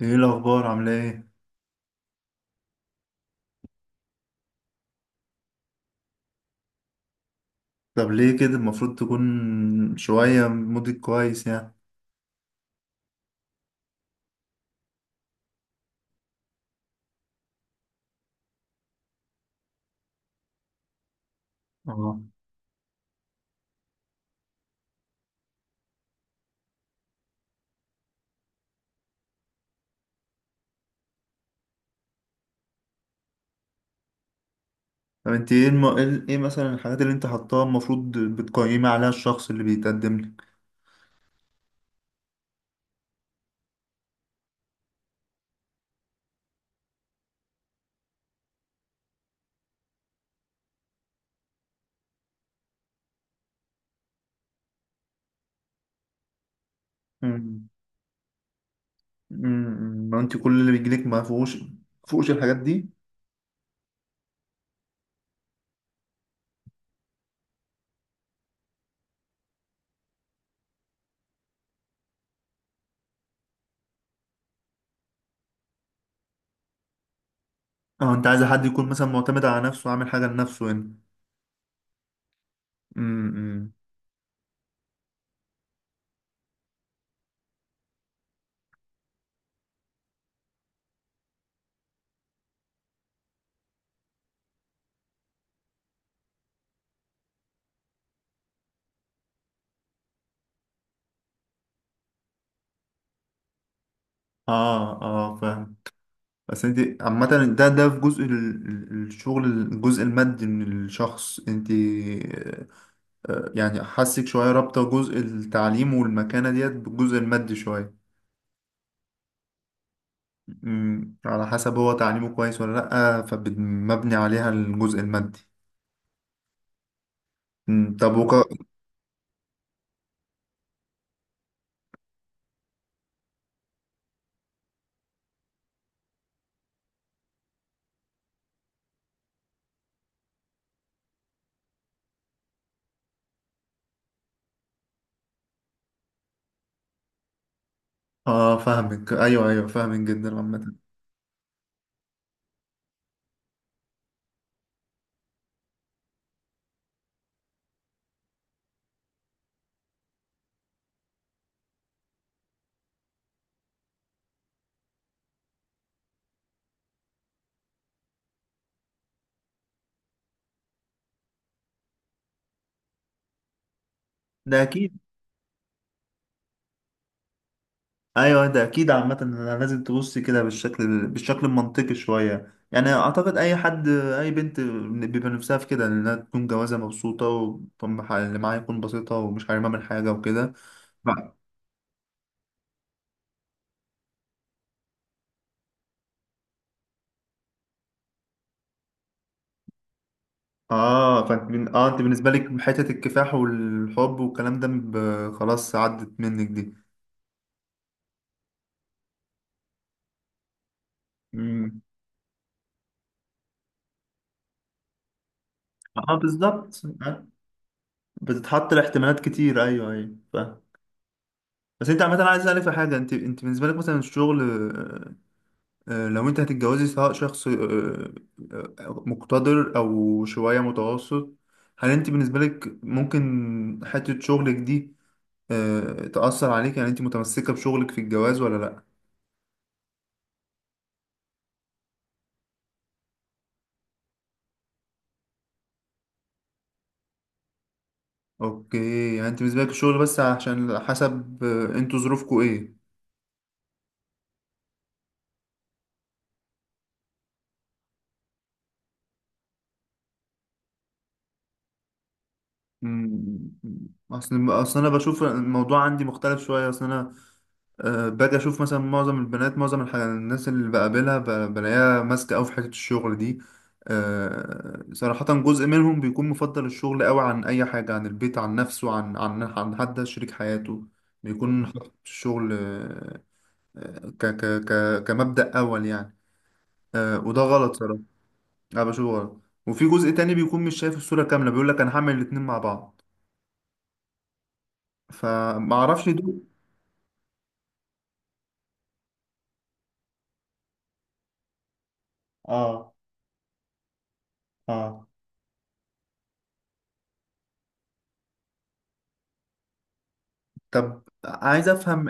ايه الاخبار؟ عامله ايه؟ طب ليه كده؟ المفروض تكون شويه مودك كويس يعني. اه. طب انت ايه ايه إيه مثلا الحاجات اللي انت حطاها المفروض بتقيمي عليها الشخص اللي بيتقدم لك؟ امم أمم، ما انت كل اللي بيجيلك ما فيهوش فوقش الحاجات دي. اه، انت عايزه حد يكون مثلا معتمد على نفسه، عامل حاجه لنفسه هنا. امم. اه اه فاهم. بس انت عامة، ده في جزء الشغل، الجزء المادي من الشخص، انت آه، يعني حسك شوية رابطة جزء التعليم والمكانة ديت بالجزء المادي شوية. مم، على حسب هو تعليمه كويس ولا لأ، فمبني عليها الجزء المادي. مم، اه فاهمك، ايوه ايوه فاهمك جدا عامة. ده اكيد. ايوه ده اكيد. عامة أنا لازم تبص كده بالشكل المنطقي شوية، يعني اعتقد اي حد، اي بنت بيبقى نفسها في كده، انها تكون جوازة مبسوطة واللي معاها يكون بسيطة ومش حارمها من حاجة وكده. اه اه انت بالنسبه لك حته الكفاح والحب والكلام خلاص عدت منك دي. امم. اه بالظبط آه. بتتحط لاحتمالات كتير، ايوه ايوه فاهم. بس انت عامه عايز اسالك في حاجه، انت بالنسبه لك مثلا الشغل آه، آه، لو انت هتتجوزي سواء شخص آه، آه، مقتدر او شويه متوسط، هل انت بالنسبه لك ممكن حته شغلك دي آه، تأثر عليك؟ يعني انت متمسكه بشغلك في الجواز ولا لا؟ اوكي، يعني انت بالنسبه لك الشغل بس عشان حسب آه، انتوا ظروفكوا ايه. مم. اصل انا بشوف الموضوع عندي مختلف شويه. اصل انا أه باجي اشوف مثلا معظم البنات، معظم الناس اللي بقابلها بلاقيها ماسكه قوي في حته الشغل دي. أه صراحه جزء منهم بيكون مفضل الشغل قوي عن اي حاجه، عن البيت، عن نفسه، عن حد شريك حياته، بيكون حاطط الشغل آه، ك كمبدأ اول يعني. أه وده غلط صراحه. انا بشوفه غلط. وفي جزء تاني بيكون مش شايف الصورة كاملة، بيقول لك انا هعمل الاتنين مع بعض، فما اعرفش دول. اه اه. طب عايز افهم،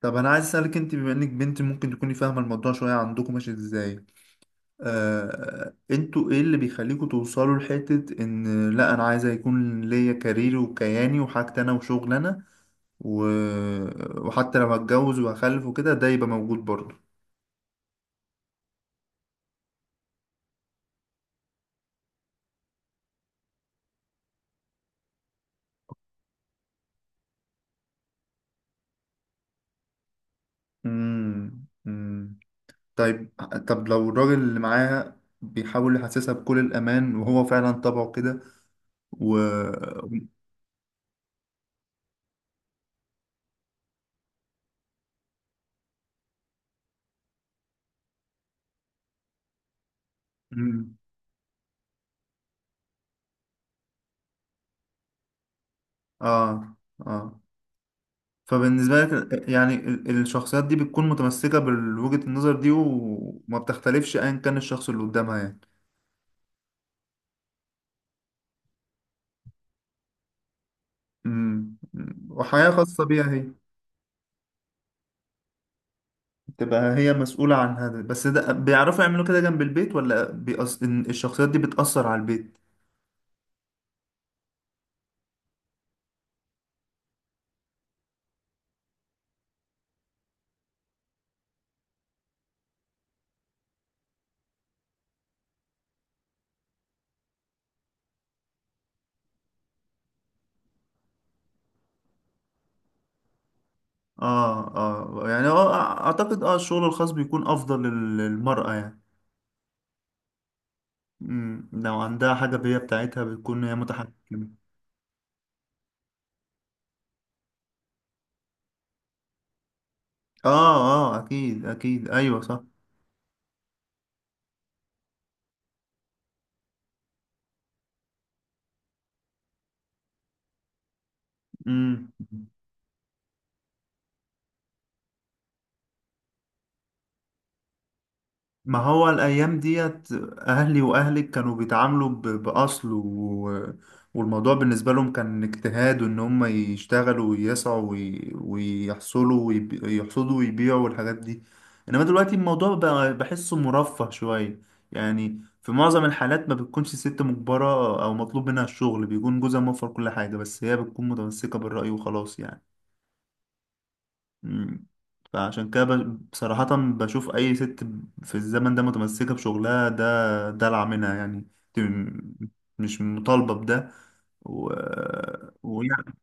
طب انا عايز اسالك انت بما انك بنت ممكن تكوني فاهمه الموضوع شويه، عندكم ماشي ازاي؟ آه... انتوا ايه اللي بيخليكوا توصلوا لحته ان لا انا عايزه يكون ليا كاريري وكياني وحاجتي انا وشغل انا و... وحتى لو هتجوز وهخلف وكده ده يبقى موجود برضه؟ امم. طيب، طب لو الراجل اللي معاه بيحاول يحسسها بكل الأمان وهو فعلا طبعه كده و... مم. آه، آه، فبالنسبة لك يعني الشخصيات دي بتكون متمسكة بوجهة النظر دي وما بتختلفش أيا كان الشخص اللي قدامها يعني؟ مم. مم. وحياة خاصة بيها هي، تبقى هي مسؤولة عن هذا، بس ده بيعرفوا يعملوا كده جنب البيت ولا إن الشخصيات دي بتأثر على البيت؟ اه اه، يعني اه اعتقد اه الشغل الخاص بيكون افضل للمرأة يعني. امم، لو عندها حاجة بهي بتاعتها بتكون هي متحكمة. اه اه، اكيد ايوه صح. امم، ما هو الأيام ديت أهلي وأهلك كانوا بيتعاملوا بأصل والموضوع بالنسبة لهم كان اجتهاد، وإن هم يشتغلوا ويسعوا ويحصلوا يحصدوا ويبيعوا والحاجات دي. إنما دلوقتي الموضوع بقى بحسه مرفه شوية، يعني في معظم الحالات ما بتكونش الست مجبرة أو مطلوب منها الشغل، بيكون جوزها موفر كل حاجة بس هي بتكون متمسكة بالرأي وخلاص يعني. مم. فعشان كده بصراحة بشوف أي ست في الزمن ده متمسكة بشغلها ده دلع منها يعني. دي م- مش مطالبة بده و... يعني.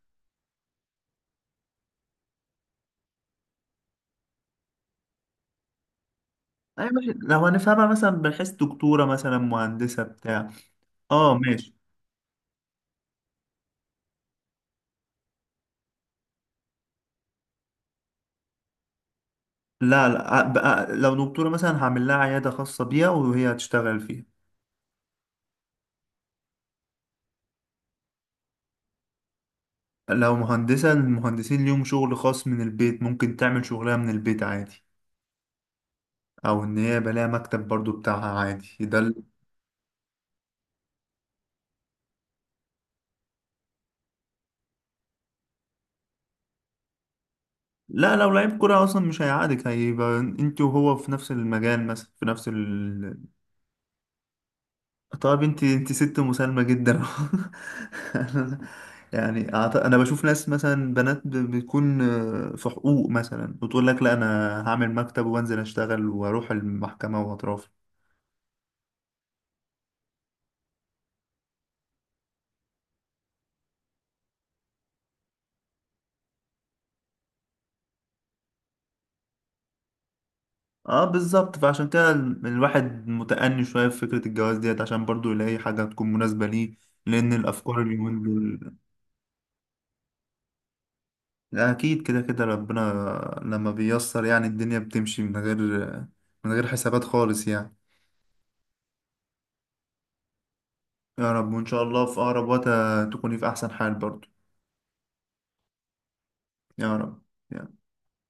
أي ماشي، لو هنفهمها مثلا من حيث دكتورة مثلا، مهندسة بتاع، اه ماشي. لا لا، بقى لو دكتورة مثلا هعمل لها عيادة خاصة بيها وهي هتشتغل فيها. لو مهندسة، المهندسين ليهم شغل خاص من البيت، ممكن تعمل شغلها من البيت عادي. او ان هي بلاقي مكتب برضو بتاعها، عادي ده. لا، لو لعيب كرة أصلا مش هيعادك، هيبقى أنت وهو في نفس المجال مثلا، في نفس ال... طب أنت، أنت ست مسالمة جدا. يعني أنا بشوف ناس مثلا بنات بتكون آه، في حقوق مثلا وتقول لك لا أنا هعمل مكتب وأنزل أشتغل وأروح المحكمة وأترافع. اه بالظبط، فعشان كده الواحد متأني شوية في فكرة الجواز ديت عشان برضو يلاقي حاجة تكون مناسبة ليه، لأن الأفكار اليومين دول. لا، اكيد كده كده ربنا لما بييسر يعني الدنيا بتمشي من غير، من غير حسابات خالص يعني. يا رب، وان شاء الله في اقرب وقت تكوني في احسن حال برضو. يا رب.